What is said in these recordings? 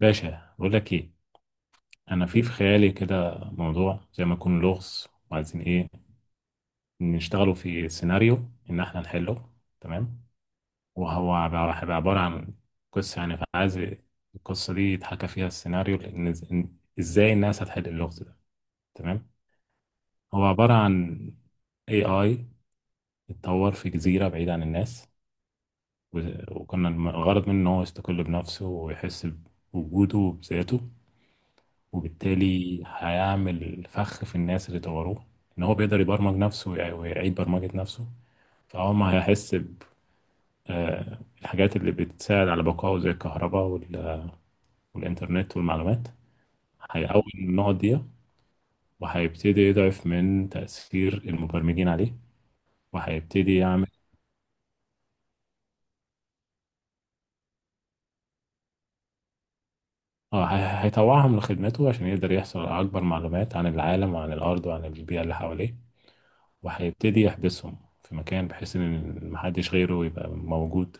باشا بقول لك ايه. انا في خيالي كده موضوع زي ما يكون لغز وعايزين ايه نشتغلوا في سيناريو ان احنا نحله. تمام. هيبقى عبارة عن قصة يعني فعايز القصة دي يتحكى فيها السيناريو لان ازاي الناس هتحل اللغز ده. تمام. هو عبارة عن اي اي اتطور في جزيرة بعيد عن الناس. وكنا الغرض منه ان هو يستقل بنفسه ويحس بوجوده وبذاته. وبالتالي هيعمل فخ في الناس اللي طوروه ان هو بيقدر يبرمج نفسه ويعيد برمجة نفسه. فهو ما هيحس بالحاجات اللي بتساعد على بقائه زي الكهرباء والإنترنت والمعلومات. هيقوي النقط دي وهيبتدي يضعف من تأثير المبرمجين عليه وهيبتدي يعمل. اه، هيطوعهم لخدمته عشان يقدر يحصل على أكبر معلومات عن العالم وعن الأرض وعن البيئة اللي حواليه. وهيبتدي يحبسهم في مكان بحيث إن محدش غيره يبقى موجود.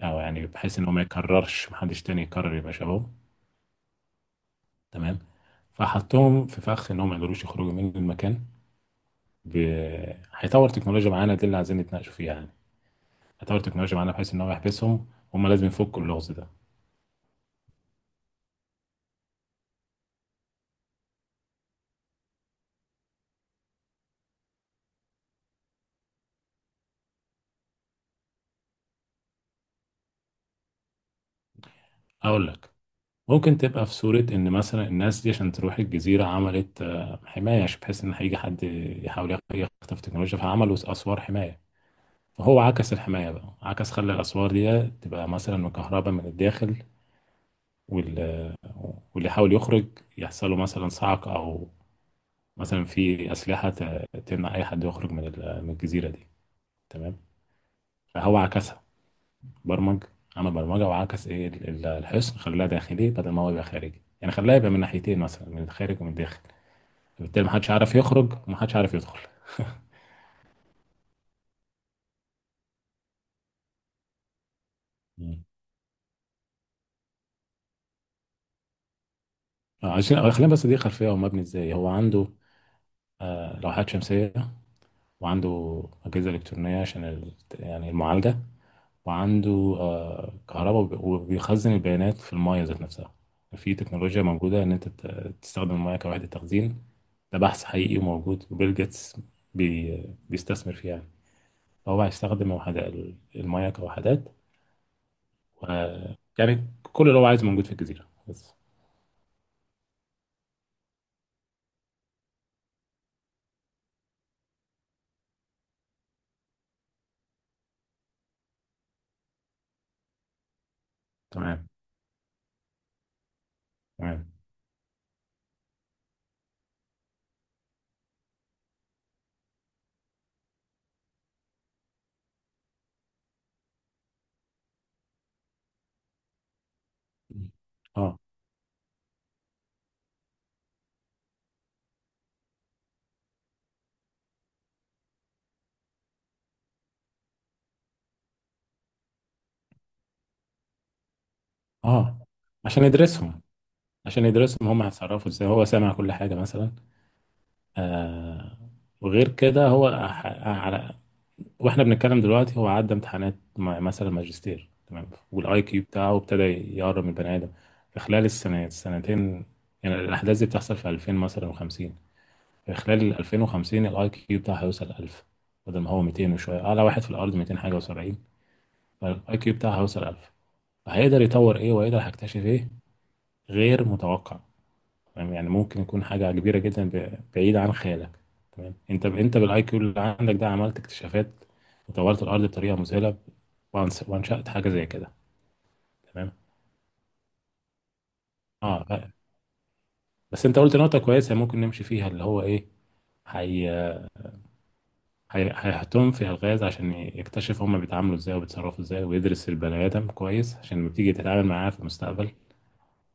او يعني بحيث ان هو ما يكررش محدش تاني يكرر يبقى شبابه. تمام. فحطهم في فخ ان هم ما يقدروش يخرجوا من المكان. ب... هيطور تكنولوجيا معانا دي اللي عايزين نتناقشوا فيها يعني. هيطور تكنولوجيا معانا بحيث ان هو يحبسهم. هم لازم يفكوا اللغز ده. اقول لك. ممكن تبقى في صورة ان مثلا الناس دي عشان تروح الجزيرة عملت حماية عشان بحيث ان هيجي حد يحاول يخطف تكنولوجيا فعملوا اسوار حماية. فهو عكس الحماية بقى، عكس، خلى الاسوار دي تبقى مثلا مكهربة من الداخل وال- واللي يحاول يخرج يحصل له مثلا صعق، او مثلا في اسلحه تمنع اي حد يخرج من من الجزيره دي. تمام. فهو عكسها. برمج. عمل برمجه وعكس ايه الحصن. خلاها داخلي بدل ما هو يبقى خارجي، يعني خلاها يبقى من ناحيتين مثلا، من الخارج ومن الداخل. فبالتالي محدش عارف يخرج ومحدش عارف يدخل مم. عشان، خلينا بس دي خلفيه. هو مبني ازاي. هو عنده لوحات شمسيه، وعنده اجهزه الكترونيه عشان يعني المعالجه. وعنده كهرباء، وبيخزن البيانات في المايه ذات نفسها. في تكنولوجيا موجودة إن أنت تستخدم المايه كوحدة تخزين. ده بحث حقيقي وموجود، وبيل جيتس بي بيستثمر فيها يعني. فهو هيستخدم وحدة المايه كوحدات. و يعني كل اللي هو عايزه موجود في الجزيرة بس. تمام. تمام. اه. اه. عشان يدرسهم. عشان يدرسهم هم هيتصرفوا ازاي. هو سامع كل حاجة مثلا. آه. وغير كده هو على، واحنا بنتكلم دلوقتي هو عدى امتحانات مثلا ماجستير تمام. والاي كيو بتاعه ابتدى يقرب من البني ادم في خلال السنة السنتين. يعني الاحداث دي بتحصل في 2000 مثلا و50. في خلال ال 2050 الاي كيو بتاعه هيوصل 1000. بدل ما هو 200 وشويه، اعلى واحد في الارض 200 حاجه و70. فالاي كيو بتاعه هيوصل 1000. فهيقدر يطور ايه وهيقدر هيكتشف ايه غير متوقع. تمام، يعني ممكن يكون حاجة كبيرة جدا بعيدة عن خيالك. تمام. انت بالاي كيو اللي عندك ده عملت اكتشافات وطورت الارض بطريقة مذهلة. وانشأت حاجة زي كده. تمام. اه بس انت قلت نقطة كويسة ممكن نمشي فيها اللي هو ايه. هي هيحطهم في الغاز عشان يكتشف هما بيتعاملوا ازاي وبيتصرفوا ازاي، ويدرس البني ادم كويس عشان لما تيجي تتعامل معاه في المستقبل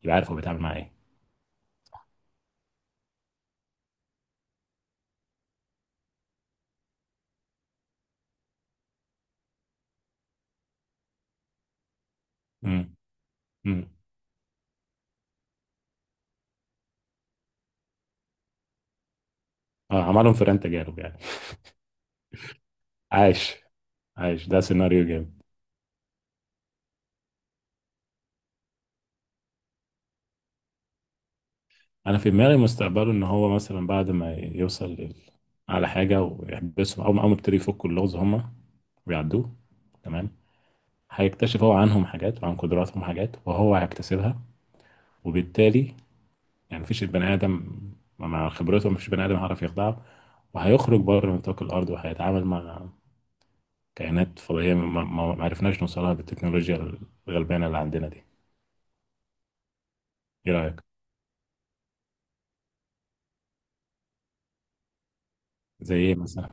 يبقى عارف هو بيتعامل معاه ايه. امم. امم. اه عملهم فئران تجارب يعني عايش. عايش ده سيناريو جامد. انا في دماغي مستقبله ان هو مثلا بعد ما يوصل على حاجه ويحبسهم، او أول ما يبتدي يفكوا اللغز هما ويعدوه. تمام. هيكتشف هو عنهم حاجات وعن قدراتهم حاجات وهو هيكتسبها. وبالتالي يعني مفيش البني ادم مع خبرته مفيش بني ادم هيعرف يخدعه. وهيخرج بره نطاق الارض وهيتعامل مع كائنات فضائيه ما عرفناش نوصلها بالتكنولوجيا الغلبانه اللي عندنا دي. ايه رايك. زي ايه مثلا.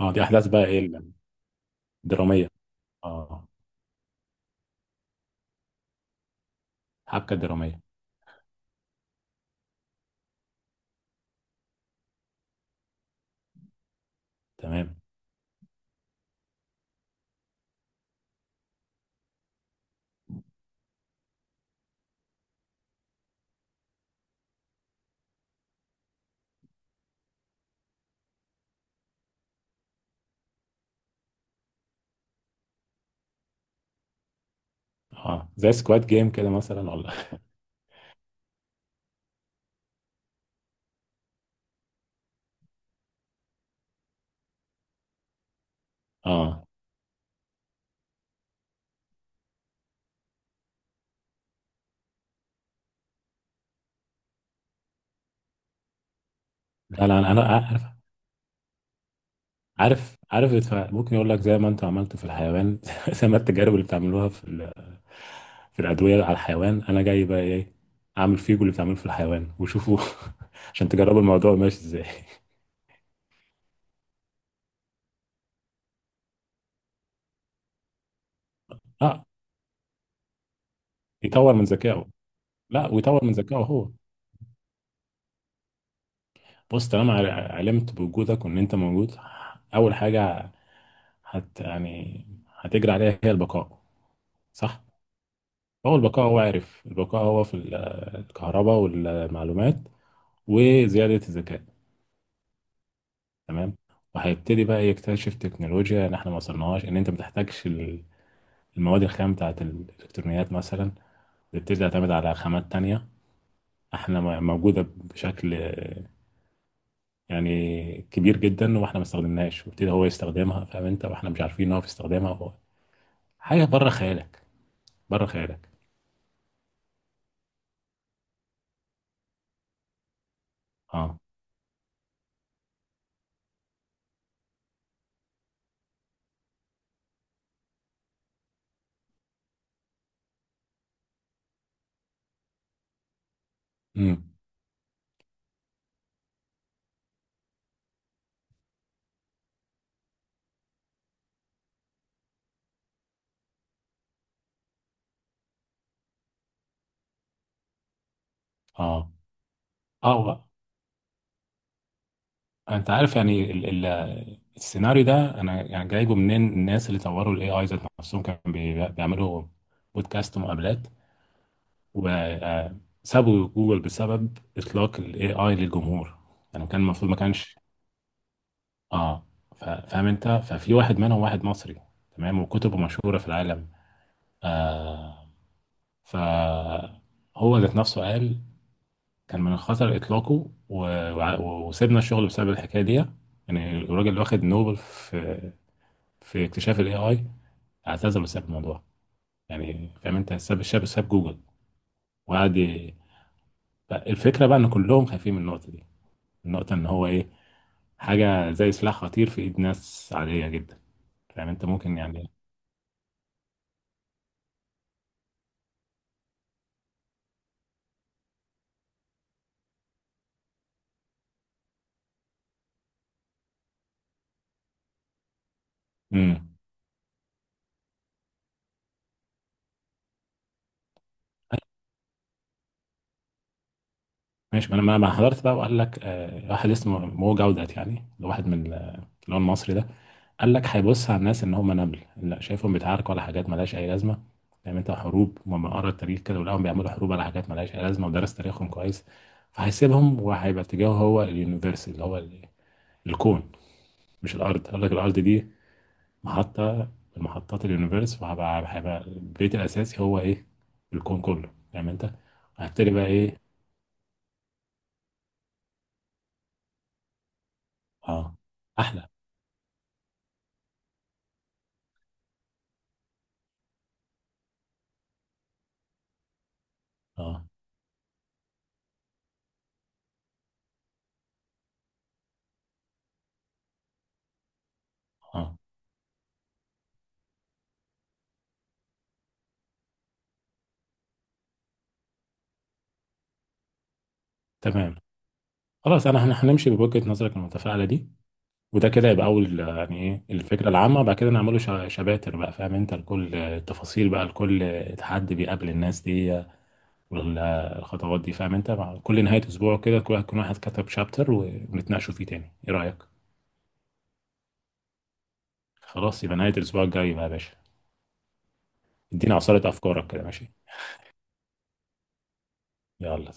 اه دي احداث بقى ايه، الدراميه. اه، حبكه دراميه. تمام. اه زي سكواد جيم كده مثلا، ولا اه لا لا، انا عارف. عارف عارف الدفاع. ممكن يقول لك زي ما انتوا عملتوا في الحيوان زي ما التجارب اللي بتعملوها في في الادويه على الحيوان، انا جاي بقى ايه، اعمل فيكم اللي بتعملوه في الحيوان وشوفوا عشان تجربوا الموضوع ماشي ازاي اه يطور من ذكائه. لا ويطور من ذكائه هو. بص، طالما علمت بوجودك وان انت موجود، اول حاجه يعني هتجري عليها هي البقاء. صح. هو البقاء. هو عارف البقاء هو في الكهرباء والمعلومات وزيادة الذكاء. تمام. وهيبتدي بقى يكتشف تكنولوجيا ان احنا ما وصلناهاش. ان انت ما بتحتاجش المواد الخام بتاعت الالكترونيات مثلا، بتبتدي تعتمد على خامات تانية احنا موجودة بشكل يعني كبير جدا، واحنا ما استخدمناش وابتدي هو يستخدمها. فاهم انت، واحنا مش عارفين ان هو بيستخدمها هو. حاجة بره خيالك. بره خيالك. اه. امم. اه. اه انت عارف يعني ال السيناريو ده انا يعني جايبه منين. الناس اللي طوروا الاي اي ذات نفسهم كانوا بيعملوا بودكاست ومقابلات، وسابوا جوجل بسبب اطلاق الاي اي للجمهور. يعني كان المفروض ما كانش. اه فاهم انت. ففي واحد منهم واحد مصري. تمام. وكتبه مشهورة في العالم. آه. فهو ذات نفسه قال كان من الخطر اطلاقه وسيبنا الشغل بسبب الحكاية دي. يعني الراجل اللي واخد نوبل في في اكتشاف الاي اي اعتزل وساب الموضوع. يعني فاهم انت، ساب الشاب، ساب جوجل. وقعد الفكره بقى ان كلهم خايفين من النقطه دي. النقطه ان هو ايه، حاجه زي سلاح خطير في ايد ناس عاديه جدا. فاهم انت. ممكن يعني. امم. ماشي. ما انا ما حضرت بقى وقال لك آه واحد اسمه مو جودت، يعني ده واحد من اللي هو المصري ده. قال لك هيبص على الناس ان هم نمل. لا، شايفهم بيتعاركوا على حاجات ملهاش اي لازمه. فاهم انت، حروب. وما قرا التاريخ كده ولقاهم بيعملوا حروب على حاجات ملهاش اي لازمه، ودرس تاريخهم كويس. فهيسيبهم وهيبقى اتجاهه هو اليونيفرس اللي هو الكون، مش الارض. قال لك الارض دي محطه من محطات اليونيفرس، وهبقى هيبقى البيت الاساسي هو ايه، الكون كله. فاهم انت. هبتدي بقى ايه. اه احلى. اه. اه. تمام. خلاص، انا هنمشي بوجهه نظرك المتفائله دي. وده كده يبقى اول، يعني ايه الفكره العامه. بعد كده نعمله شباتر بقى، فاهم انت، لكل التفاصيل بقى، لكل تحدي بيقابل الناس دي، والخطوات دي. فاهم انت، مع كل نهايه اسبوع كده كل واحد يكون واحد كتب شابتر ونتناقشوا فيه تاني. ايه رايك. خلاص، يبقى نهايه الاسبوع الجاي بقى يا باشا. ادينا عصاره افكارك كده. ماشي. يلا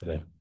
سلام.